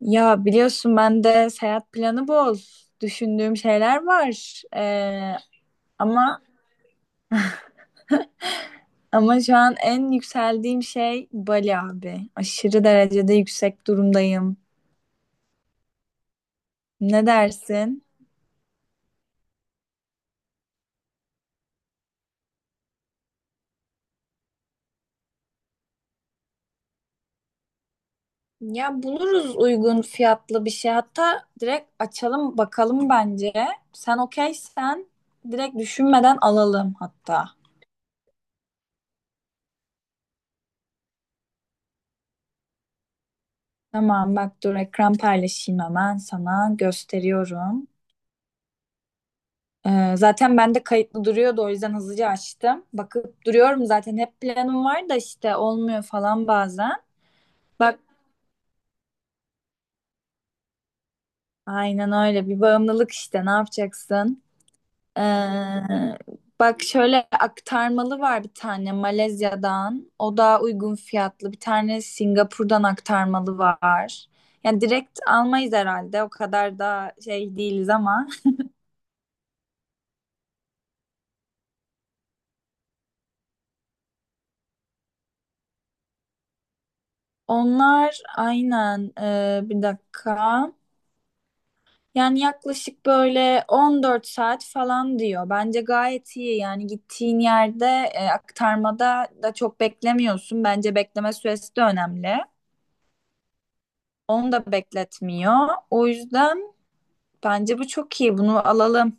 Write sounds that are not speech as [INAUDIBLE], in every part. Ya biliyorsun ben de seyahat planı bol. Düşündüğüm şeyler var. Ama ama şu an en yükseldiğim şey Bali abi. Aşırı derecede yüksek durumdayım. Ne dersin? Ya buluruz uygun fiyatlı bir şey. Hatta direkt açalım bakalım bence. Sen okeysen direkt düşünmeden alalım hatta. Tamam bak dur ekran paylaşayım hemen sana gösteriyorum. Zaten ben de kayıtlı duruyordu, o yüzden hızlıca açtım. Bakıp duruyorum zaten, hep planım var da işte olmuyor falan bazen. Bak, aynen öyle bir bağımlılık işte, ne yapacaksın? Ee, Bak şöyle aktarmalı var bir tane Malezya'dan. O daha uygun fiyatlı. Bir tane Singapur'dan aktarmalı var. Yani direkt almayız herhalde. O kadar da şey değiliz ama. [LAUGHS] Onlar aynen bir dakika. Yani yaklaşık böyle 14 saat falan diyor. Bence gayet iyi. Yani gittiğin yerde aktarmada da çok beklemiyorsun. Bence bekleme süresi de önemli. Onu da bekletmiyor. O yüzden bence bu çok iyi. Bunu alalım.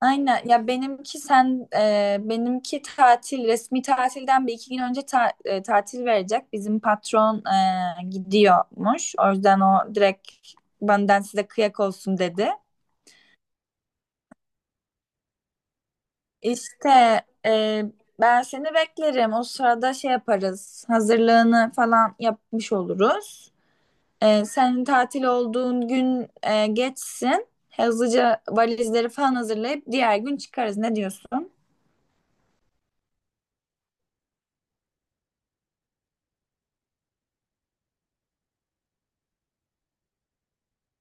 Aynen. Ya benimki sen benimki tatil, resmi tatilden bir iki gün önce tatil verecek. Bizim patron gidiyormuş. O yüzden o direkt benden size kıyak olsun dedi. İşte e, ben seni beklerim. O sırada şey yaparız. Hazırlığını falan yapmış oluruz. Senin tatil olduğun gün geçsin. Hızlıca valizleri falan hazırlayıp diğer gün çıkarız. Ne diyorsun?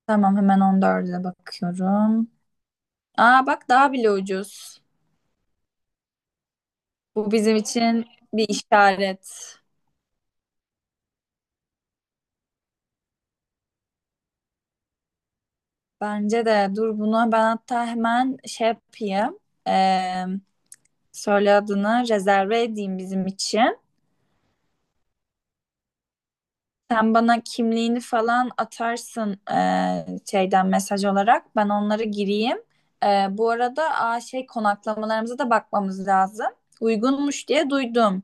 Tamam hemen 14'e bakıyorum. Aa bak, daha bile ucuz. Bu bizim için bir işaret. Bence de dur, bunu ben hatta hemen şey yapayım. E, Söyle adını, rezerve edeyim bizim için. Sen bana kimliğini falan atarsın şeyden, mesaj olarak. Ben onları gireyim. Bu arada şey, konaklamalarımıza da bakmamız lazım. Uygunmuş diye duydum.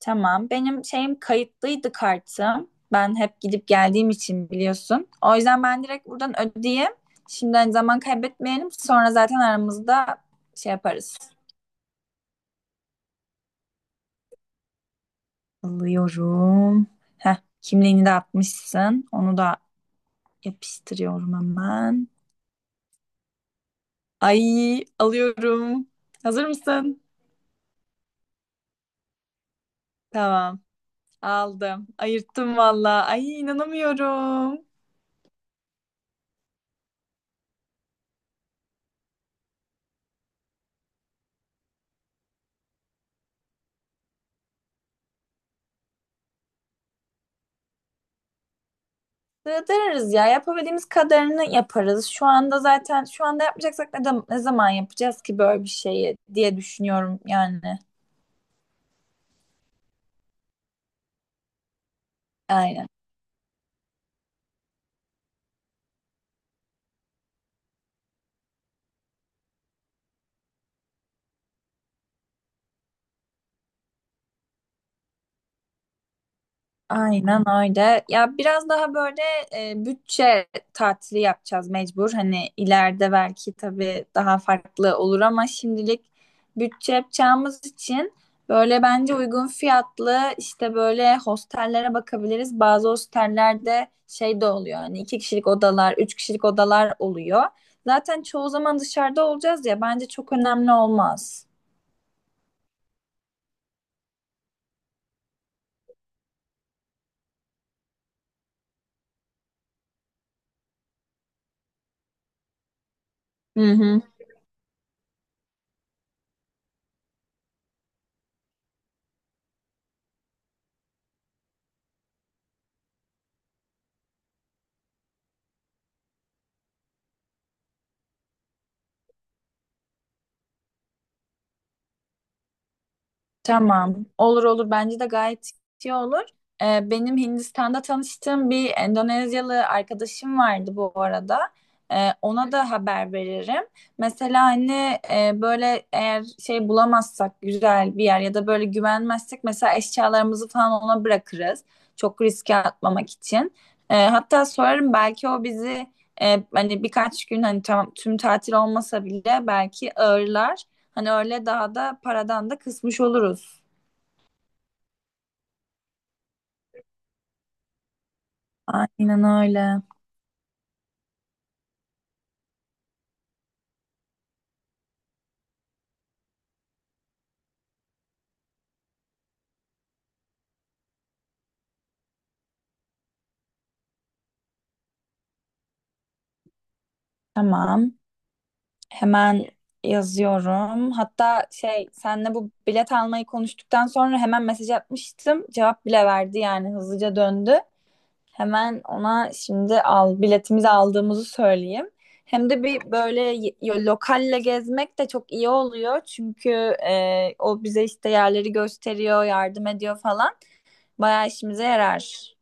Tamam. Benim şeyim kayıtlıydı, kartım. Ben hep gidip geldiğim için biliyorsun. O yüzden ben direkt buradan ödeyeyim. Şimdiden zaman kaybetmeyelim. Sonra zaten aramızda şey yaparız. Alıyorum. Heh, kimliğini de atmışsın. Onu da yapıştırıyorum hemen. Ay alıyorum. Hazır mısın? Tamam. Aldım. Ayırttım valla. Ay inanamıyorum. Sığdırırız ya. Yapabildiğimiz kadarını yaparız. Şu anda, zaten şu anda yapmayacaksak ne zaman yapacağız ki böyle bir şeyi diye düşünüyorum yani. Aynen. Aynen öyle. Ya biraz daha böyle bütçe tatili yapacağız mecbur. Hani ileride belki tabii daha farklı olur ama şimdilik bütçe yapacağımız için böyle bence uygun fiyatlı işte böyle hostellere bakabiliriz. Bazı hostellerde şey de oluyor. Hani iki kişilik odalar, üç kişilik odalar oluyor. Zaten çoğu zaman dışarıda olacağız ya, bence çok önemli olmaz. Hı hı. Tamam. Olur olur. Bence de gayet iyi olur. Benim Hindistan'da tanıştığım bir Endonezyalı arkadaşım vardı bu arada. Ona da haber veririm. Mesela hani böyle eğer şey bulamazsak güzel bir yer ya da böyle güvenmezsek mesela eşyalarımızı falan ona bırakırız. Çok riske atmamak için. Hatta sorarım, belki o bizi hani birkaç gün, hani tamam tüm tatil olmasa bile belki ağırlar. Hani öyle daha da paradan da kısmış oluruz. Aynen öyle. Tamam. Hemen yazıyorum. Hatta şey, senle bu bilet almayı konuştuktan sonra hemen mesaj atmıştım. Cevap bile verdi, yani hızlıca döndü. Hemen ona şimdi al biletimizi aldığımızı söyleyeyim. Hem de bir böyle lokalle gezmek de çok iyi oluyor. Çünkü o bize işte yerleri gösteriyor, yardım ediyor falan. Bayağı işimize yarar.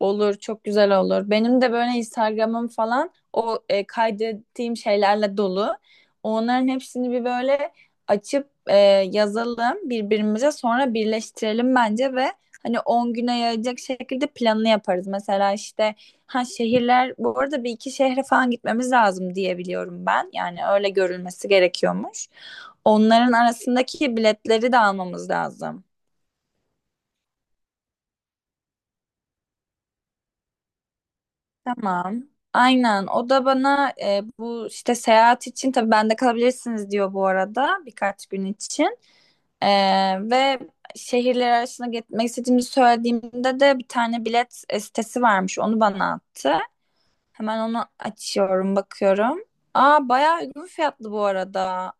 Olur, çok güzel olur. Benim de böyle Instagram'ım falan o kaydettiğim şeylerle dolu. Onların hepsini bir böyle açıp yazalım birbirimize, sonra birleştirelim bence ve hani 10 güne yayacak şekilde planını yaparız. Mesela işte ha, şehirler, bu arada bir iki şehre falan gitmemiz lazım diye biliyorum ben. Yani öyle görülmesi gerekiyormuş. Onların arasındaki biletleri de almamız lazım. Tamam. Aynen. O da bana bu işte seyahat için tabii bende kalabilirsiniz diyor bu arada, birkaç gün için. E, Ve şehirler arasında gitmek istediğimi söylediğimde de bir tane bilet sitesi varmış. Onu bana attı. Hemen onu açıyorum, bakıyorum. Aa bayağı uygun fiyatlı bu arada.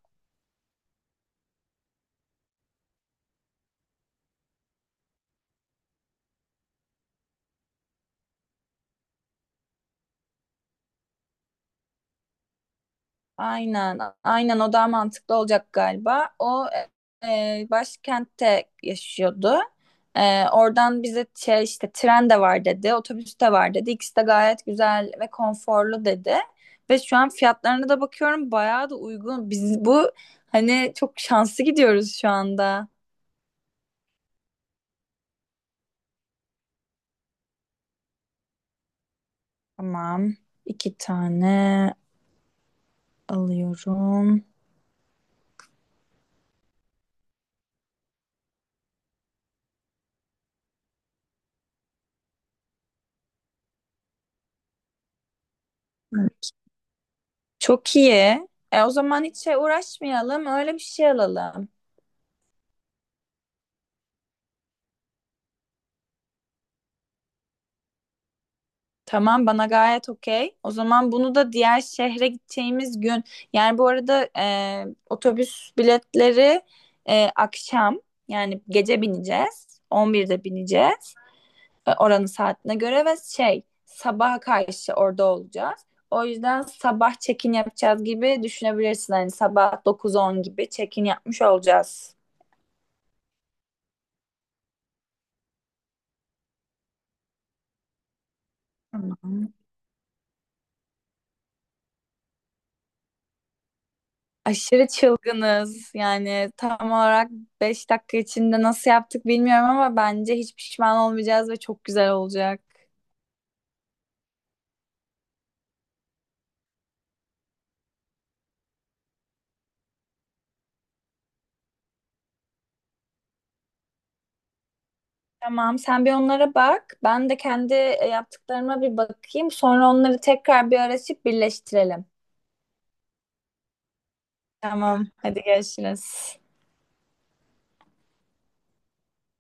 Aynen, aynen o daha mantıklı olacak galiba. O başkentte yaşıyordu. Oradan bize şey, işte tren de var dedi, otobüs de var dedi. İkisi de gayet güzel ve konforlu dedi. Ve şu an fiyatlarına da bakıyorum, bayağı da uygun. Biz bu hani çok şanslı gidiyoruz şu anda. Tamam. iki tane alıyorum. Çok iyi. O zaman hiç şey uğraşmayalım, öyle bir şey alalım. Tamam, bana gayet okey. O zaman bunu da diğer şehre gideceğimiz gün. Yani bu arada otobüs biletleri akşam, yani gece bineceğiz. 11'de bineceğiz. Oranın saatine göre, ve şey sabaha karşı orada olacağız. O yüzden sabah check-in yapacağız gibi düşünebilirsin. Hani sabah 9-10 gibi check-in yapmış olacağız. Tamam. Aşırı çılgınız. Yani tam olarak 5 dakika içinde nasıl yaptık bilmiyorum ama bence hiç pişman olmayacağız ve çok güzel olacak. Tamam, sen bir onlara bak. Ben de kendi yaptıklarıma bir bakayım. Sonra onları tekrar bir arasıp birleştirelim. Tamam, hadi görüşürüz.